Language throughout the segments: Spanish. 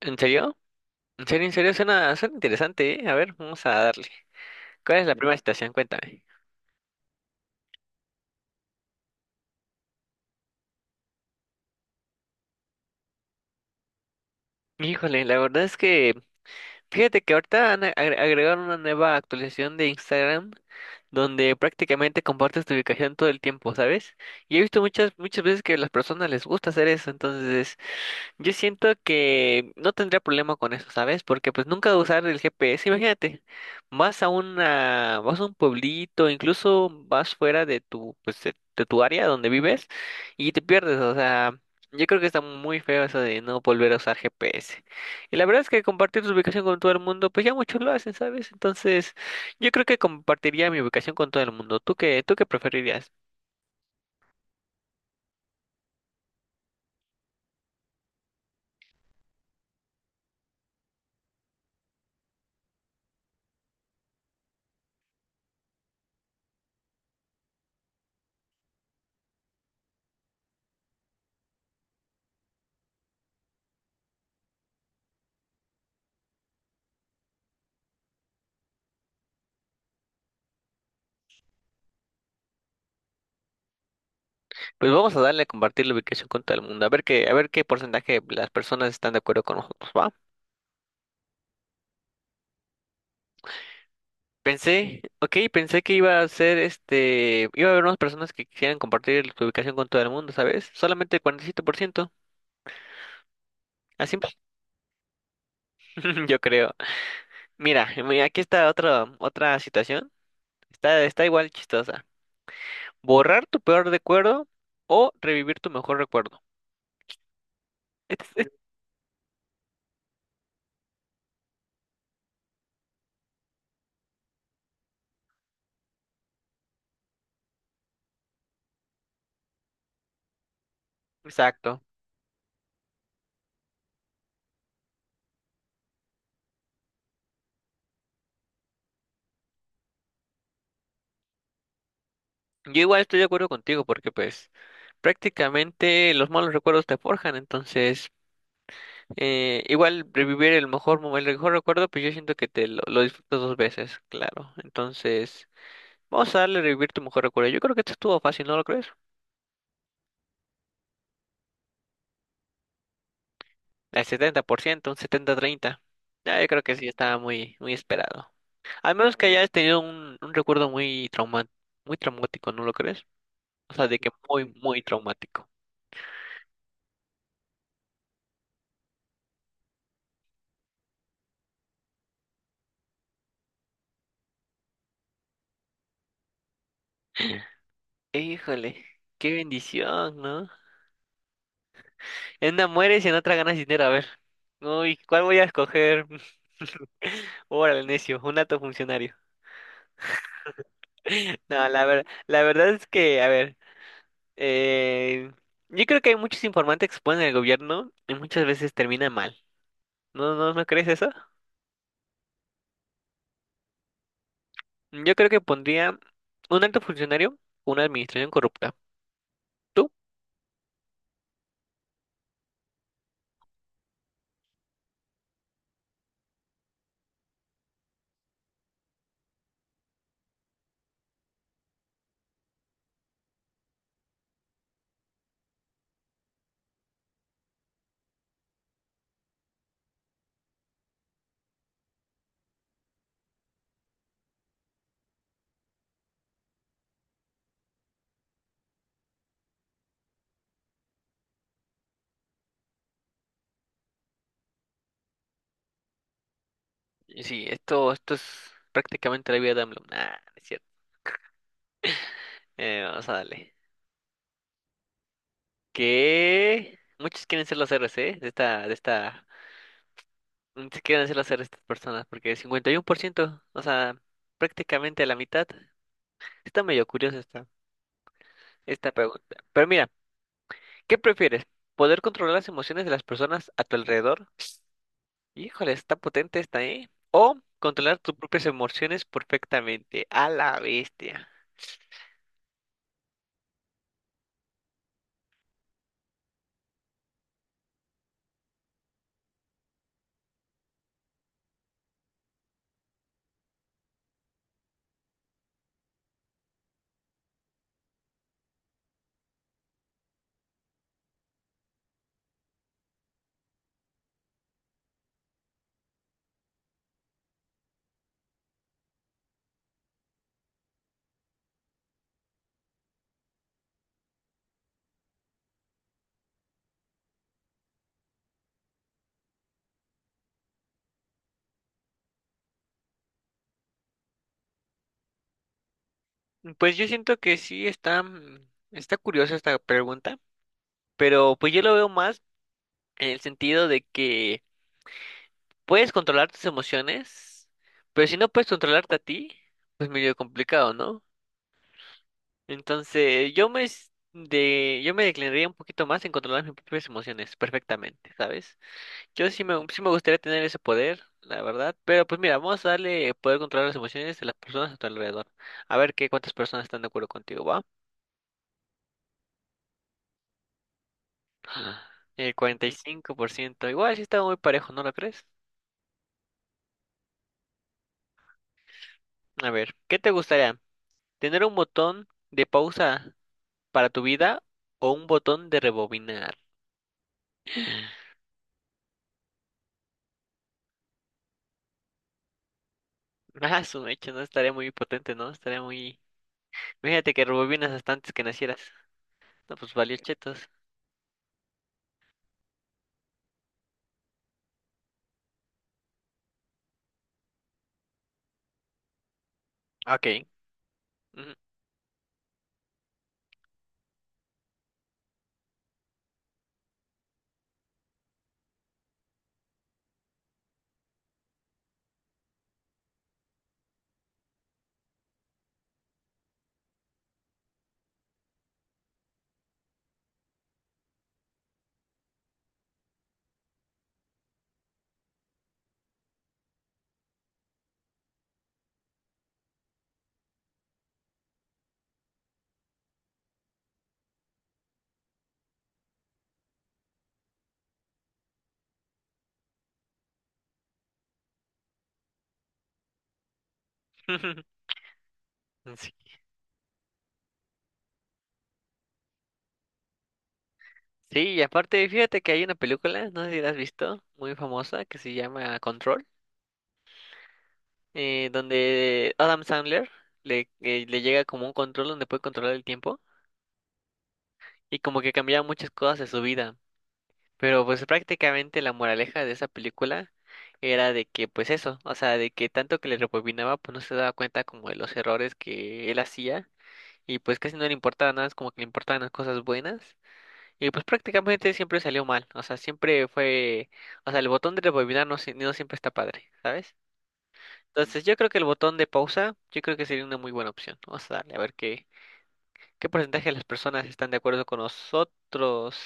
¿En serio? ¿En serio? ¿En serio? Suena interesante, ¿eh? A ver, vamos a darle. ¿Cuál es la primera situación? Cuéntame. Híjole, la verdad es que fíjate que ahorita agregaron una nueva actualización de Instagram donde prácticamente compartes tu ubicación todo el tiempo, ¿sabes? Y he visto muchas veces que a las personas les gusta hacer eso, entonces yo siento que no tendría problema con eso, ¿sabes? Porque pues nunca usar el GPS, imagínate, vas a un pueblito, incluso vas fuera de tu, pues de tu área donde vives y te pierdes, o sea, yo creo que está muy feo eso de no volver a usar GPS. Y la verdad es que compartir tu ubicación con todo el mundo, pues ya muchos lo hacen, ¿sabes? Entonces, yo creo que compartiría mi ubicación con todo el mundo. ¿Tú qué preferirías? Pues vamos a darle a compartir la ubicación con todo el mundo, a ver qué porcentaje de las personas están de acuerdo con nosotros, ¿va? Pensé, ok, pensé que iba a ser iba a haber unas personas que quisieran compartir su ubicación con todo el mundo, ¿sabes? Solamente el 47%, así, yo creo. Mira, aquí está otra, otra situación, está igual chistosa. Borrar tu peor recuerdo o revivir tu mejor recuerdo. Este- este- Exacto. Yo igual estoy de acuerdo contigo porque pues prácticamente los malos recuerdos te forjan, entonces igual revivir el el mejor recuerdo, pues yo siento que te lo disfrutas dos veces, claro. Entonces, vamos a darle revivir tu mejor recuerdo. Yo creo que esto estuvo fácil, ¿no lo crees? Al 70% un setenta treinta. Ah, yo creo que sí estaba muy esperado. Al menos que hayas tenido un recuerdo muy traumático, ¿no lo crees? O sea, de que muy traumático. Híjole, qué bendición, ¿no? En una mueres y en otra ganas dinero. A ver. Uy, ¿cuál voy a escoger? Órale, necio, un alto funcionario. No, la verdad es que, a ver, eh, yo creo que hay muchos informantes que se ponen en el gobierno y muchas veces termina mal. ¿No crees eso? Yo creo que pondría un alto funcionario, una administración corrupta. ¿Tú? Y sí, esto es prácticamente la vida de AMLO. Nah, no es cierto. Vamos a darle. Que muchos quieren ser los héroes, ¿eh? De esta ¿Qué quieren hacer estas personas? Porque 51%, o sea, prácticamente la mitad. Está medio curiosa esta pregunta. Pero mira, ¿qué prefieres? ¿Poder controlar las emociones de las personas a tu alrededor? Híjole, está potente esta, ¿eh? ¿O controlar tus propias emociones perfectamente? A la bestia. Pues yo siento que sí está, está curiosa esta pregunta, pero pues yo lo veo más en el sentido de que puedes controlar tus emociones, pero si no puedes controlarte a ti, pues medio complicado, ¿no? Entonces, yo me declinaría un poquito más en controlar mis propias emociones perfectamente, ¿sabes? Yo sí me gustaría tener ese poder, la verdad, pero pues mira, vamos a darle poder controlar las emociones de las personas a tu alrededor. A ver qué cuántas personas están de acuerdo contigo, ¿va? El cuarenta y cinco por ciento. Igual sí está muy parejo, ¿no lo crees? A ver, ¿qué te gustaría? ¿Tener un botón de pausa para tu vida o un botón de rebobinar? Ah, su mecha, no estaría muy potente, ¿no? Estaría muy... Fíjate que rebobinas hasta antes que nacieras. No, pues valió chetos. Ok. Ujú. Sí. Sí, y aparte, fíjate que hay una película, no sé si la has visto, muy famosa, que se llama Control, donde Adam Sandler le llega como un control donde puede controlar el tiempo y como que cambia muchas cosas de su vida. Pero pues prácticamente la moraleja de esa película era de que pues eso, o sea, de que tanto que le rebobinaba pues no se daba cuenta como de los errores que él hacía y pues casi no le importaba nada, es como que le importaban las cosas buenas y pues prácticamente siempre salió mal, o sea, siempre fue, o sea, el botón de rebobinar no siempre está padre, ¿sabes? Entonces yo creo que el botón de pausa, yo creo que sería una muy buena opción, vamos a darle a ver qué. ¿Qué porcentaje de las personas están de acuerdo con nosotros?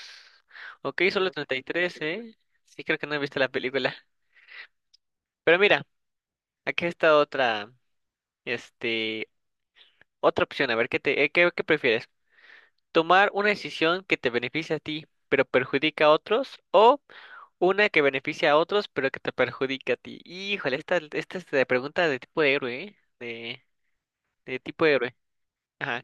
Ok, solo 33, ¿eh? Sí, creo que no he visto la película. Pero mira, aquí está otra, este, otra opción. A ver, ¿qué qué prefieres? ¿Tomar una decisión que te beneficie a ti, pero perjudica a otros? ¿O una que beneficia a otros, pero que te perjudica a ti? Híjole, esta es de pregunta de tipo de héroe, ¿eh? De tipo de héroe. Ajá.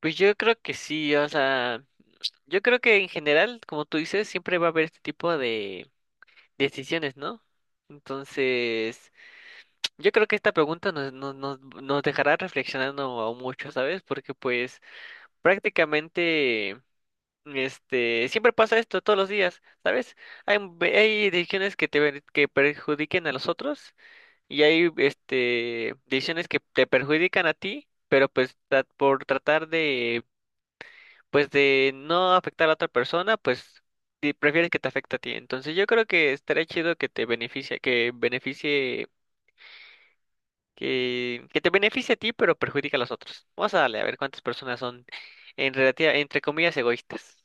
Pues yo creo que sí, o sea... Yo creo que en general, como tú dices, siempre va a haber este tipo de decisiones, ¿no? Entonces, yo creo que esta pregunta nos dejará reflexionando mucho, ¿sabes? Porque pues prácticamente, siempre pasa esto todos los días, ¿sabes? Hay decisiones que que perjudiquen a los otros y hay, decisiones que te perjudican a ti, pero por tratar pues de no afectar a otra persona, pues si prefieres que te afecte a ti. Entonces yo creo que estaría chido que beneficie, que te beneficie a ti, pero perjudica a los otros. Vamos a darle a ver cuántas personas son en relativa, entre comillas, egoístas.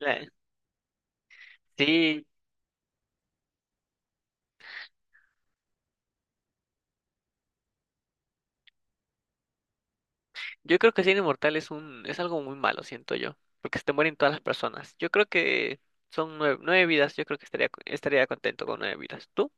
La- sí, yo creo que ser inmortal es un, es algo muy malo, siento yo, porque se te mueren todas las personas. Yo creo que son nueve vidas, yo creo que estaría contento con nueve vidas. ¿Tú?